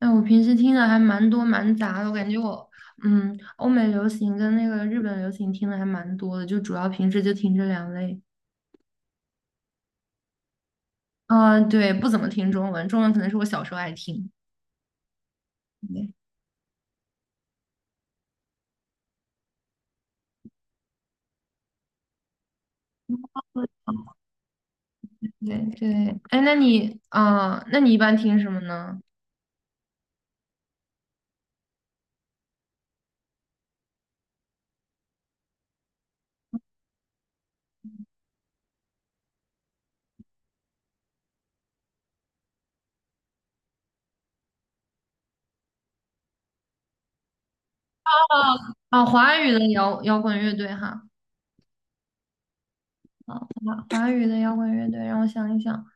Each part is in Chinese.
哎，我平时听的还蛮多蛮杂的，我感觉我，嗯，欧美流行跟那个日本流行听的还蛮多的，就主要平时就听这两类。啊，对，不怎么听中文，中文可能是我小时候爱听。对对对，哎，那你一般听什么呢？啊，华语的摇滚乐队哈，啊，华语的摇滚乐队，让我想一想，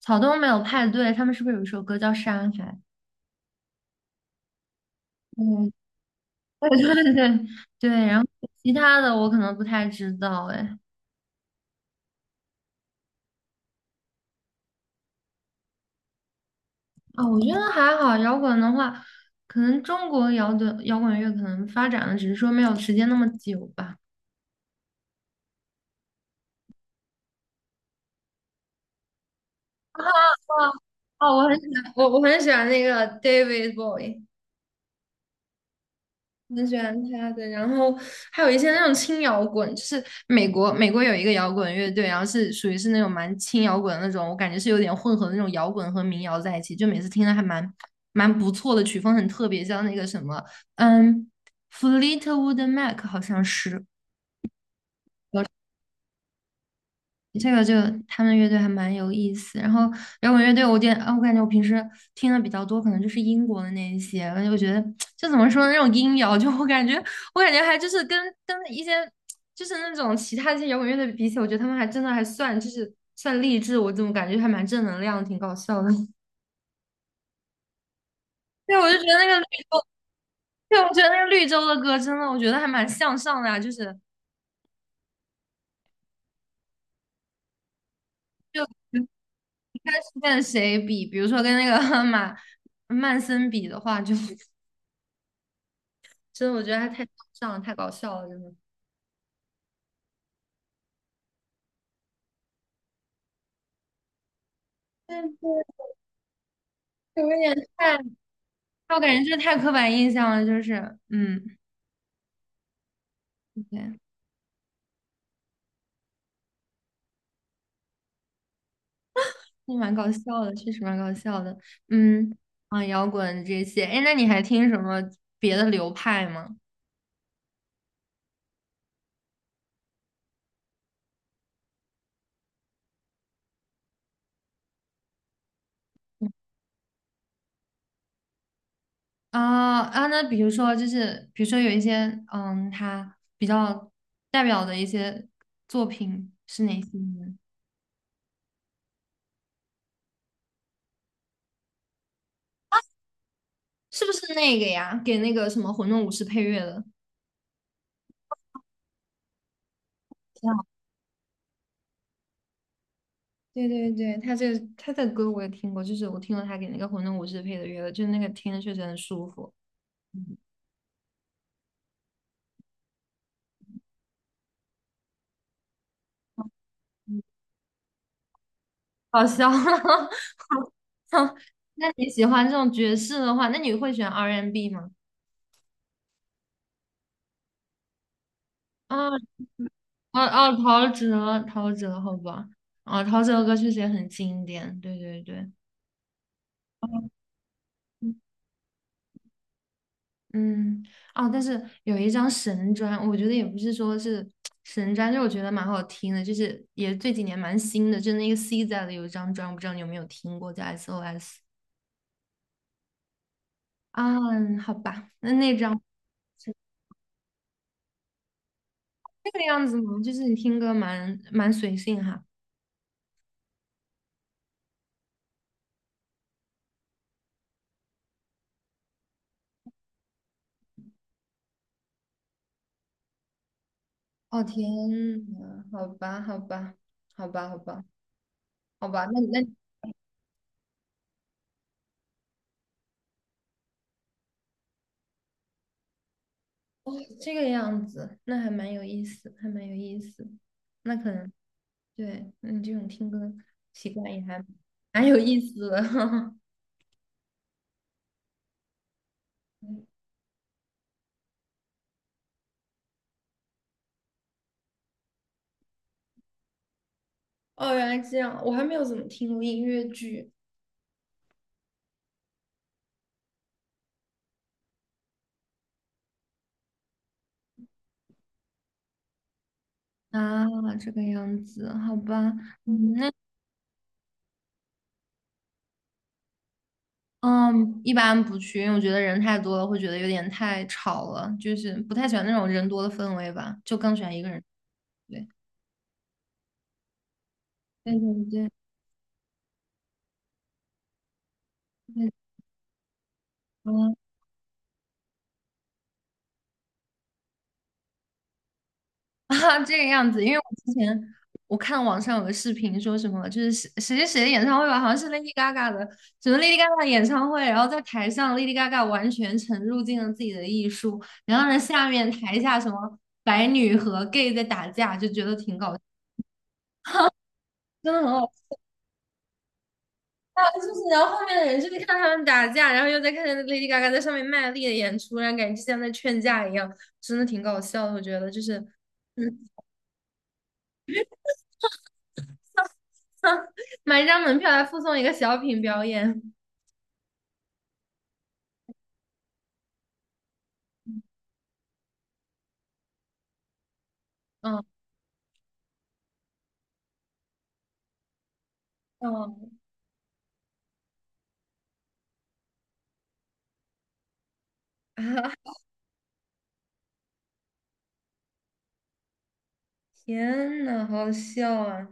草东没有派对，他们是不是有一首歌叫《山海》？嗯，对对对，然后其他的我可能不太知道，哎。啊、我觉得还好。摇滚的话，可能中国摇滚乐可能发展的只是说没有时间那么久吧。哦，我很喜欢那个 David Bowie，很喜欢他的。然后还有一些那种轻摇滚，就是美国有一个摇滚乐队，然后是属于是那种蛮轻摇滚的那种，我感觉是有点混合那种摇滚和民谣在一起，就每次听的还蛮不错的，曲风很特别，像那个什么，嗯，Fleetwood Mac 好像是。这个他们乐队还蛮有意思，然后摇滚乐队我点啊，我感觉我平时听的比较多，可能就是英国的那一些，而且我觉得就怎么说呢，那种音摇，就我感觉还就是跟一些就是那种其他一些摇滚乐队比起来，我觉得他们还真的还算就是算励志，我怎么感觉还蛮正能量，挺搞笑的。对，我就觉得那个绿洲，对，我觉得那个绿洲的歌真的，我觉得还蛮向上的啊，就是你看是跟谁比，比如说跟那个 马曼森比的话，就 真的，我觉得他太搞笑了，太搞笑了，真的。但是有一点太，我感觉这太刻板印象了，就是，对，是蛮搞笑的，确实蛮搞笑的，嗯，啊，摇滚这些，哎，那你还听什么别的流派吗？啊啊，那比如说有一些，他比较代表的一些作品是哪些呢？是不是那个呀？给那个什么《混沌武士》配乐的？对对对，他这个他的歌我也听过，就是我听了他给那个《混沌武士》配的乐，就是那个听着确实很舒服。嗯，嗯，好笑，好笑。那你喜欢这种爵士的话，那你会选 R&B N 吗？啊啊啊！陶喆，陶喆，好吧，啊，陶喆的歌确实也很经典。对对对，嗯，哦，但是有一张神专，我觉得也不是说是神专，就是我觉得蛮好听的，就是也这几年蛮新的，就是那个 C z 的有一张专，我不知道你有没有听过，叫 SOS 啊，好吧，那张是这个样子吗？就是你听歌蛮随性哈。哦天呐，好吧，好吧，好吧，好吧，好吧，那哦这个样子，那还蛮有意思，还蛮有意思，那可能。对，你这种听歌习惯也还蛮有意思的。嗯哦，原来这样，我还没有怎么听过音乐剧啊，这个样子，好吧，嗯，一般不去，因为我觉得人太多了，会觉得有点太吵了，就是不太喜欢那种人多的氛围吧，就更喜欢一个人。对，对对对对，好啦 啊，这个样子，因为我之前看网上有个视频说什么，就是谁谁谁谁的演唱会吧，好像是 Lady Gaga 的，什么 Lady Gaga 演唱会，然后在台上 Lady Gaga 完全沉入进了自己的艺术，然后呢下面台下什么白女和 gay 在打架，就觉得挺搞笑，真的很好笑，就是然后后面的人就在看他们打架，然后又在看 Lady Gaga 在上面卖力的演出，然后感觉就像在劝架一样，真的挺搞笑的，我觉得就是，嗯，买一张门票来附送一个小品表演，嗯。哦啊！天呐，好笑啊！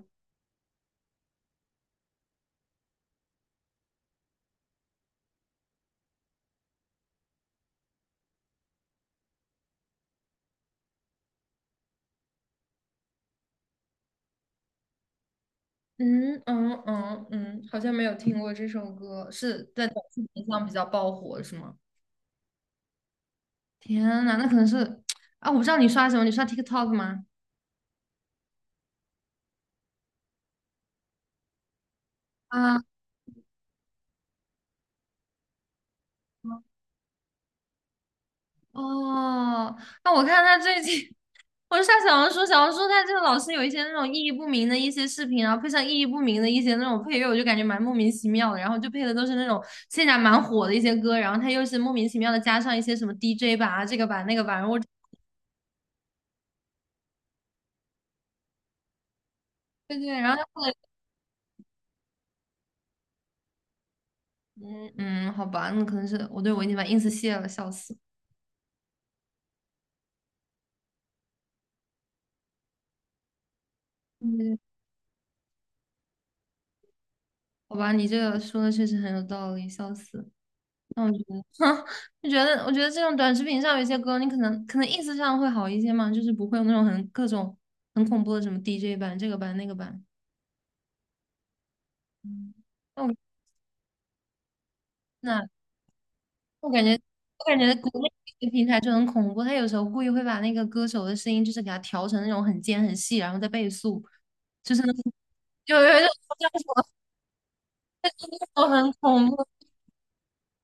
嗯嗯嗯嗯，好像没有听过这首歌，是在短视频上比较爆火，是吗？天呐，那可能是 啊，我不知道你刷什么，你刷 TikTok 吗？啊哦，那我看他最近，我就上小红书。小红书他这个老是有一些那种意义不明的一些视频，然后配上意义不明的一些那种配乐，我就感觉蛮莫名其妙的。然后就配的都是那种现在蛮火的一些歌，然后他又是莫名其妙的加上一些什么 DJ 版啊，这个版那个版，我对对，然后他后来嗯嗯，好吧，那可能，对，我已经把 ins 卸了，笑死。嗯，好吧，你这个说的确实很有道理，笑死。那哼，就觉得我觉得这种短视频上有一些歌，你可能意思上会好一些嘛，就是不会有那种很各种很恐怖的什么 DJ 版、这个版、那个版。嗯那我那我感觉我感觉国内有些平台就很恐怖，他有时候故意会把那个歌手的声音就是给他调成那种很尖很细，然后再倍速，就是就有一种叫什么，就很恐怖。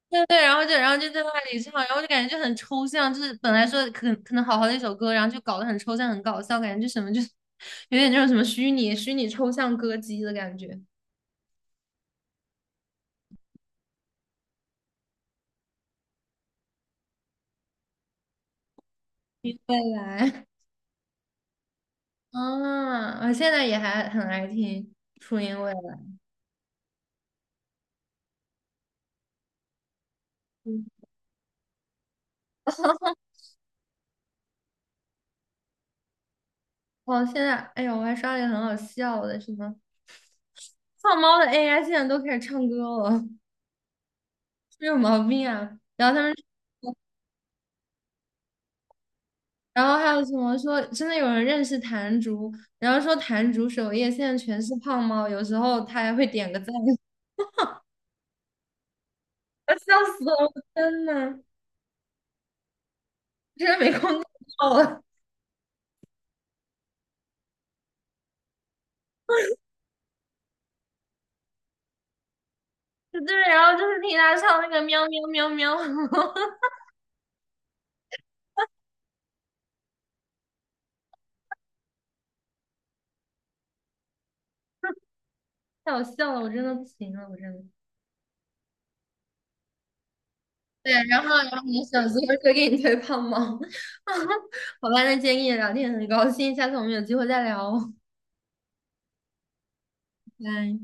对对，然后就然后就在那里唱，然后就感觉就很抽象，就是本来说可能好好的一首歌，然后就搞得很抽象、很搞笑，感觉就什么就是 有点那种什么虚拟抽象歌姬的感觉。你未来，啊，我现在也还很爱听初音未来。嗯，哦，现在哎呦，我还刷了一个很好笑的，什么胖猫的 AI 现在都开始唱歌了，是有毛病啊！然后他们。然后还有什么说，真的有人认识谭竹，然后说谭竹首页现在全是胖猫，有时候他还会点个赞，笑死了，我天呐，真的没空看到了。对然后就是听他唱那个喵喵喵喵，太好笑了，我真的不行了，我真的。对，然后你的手机会给你推胖猫，好吧，那今天跟你聊天很高兴，下次我们有机会再聊哦拜拜。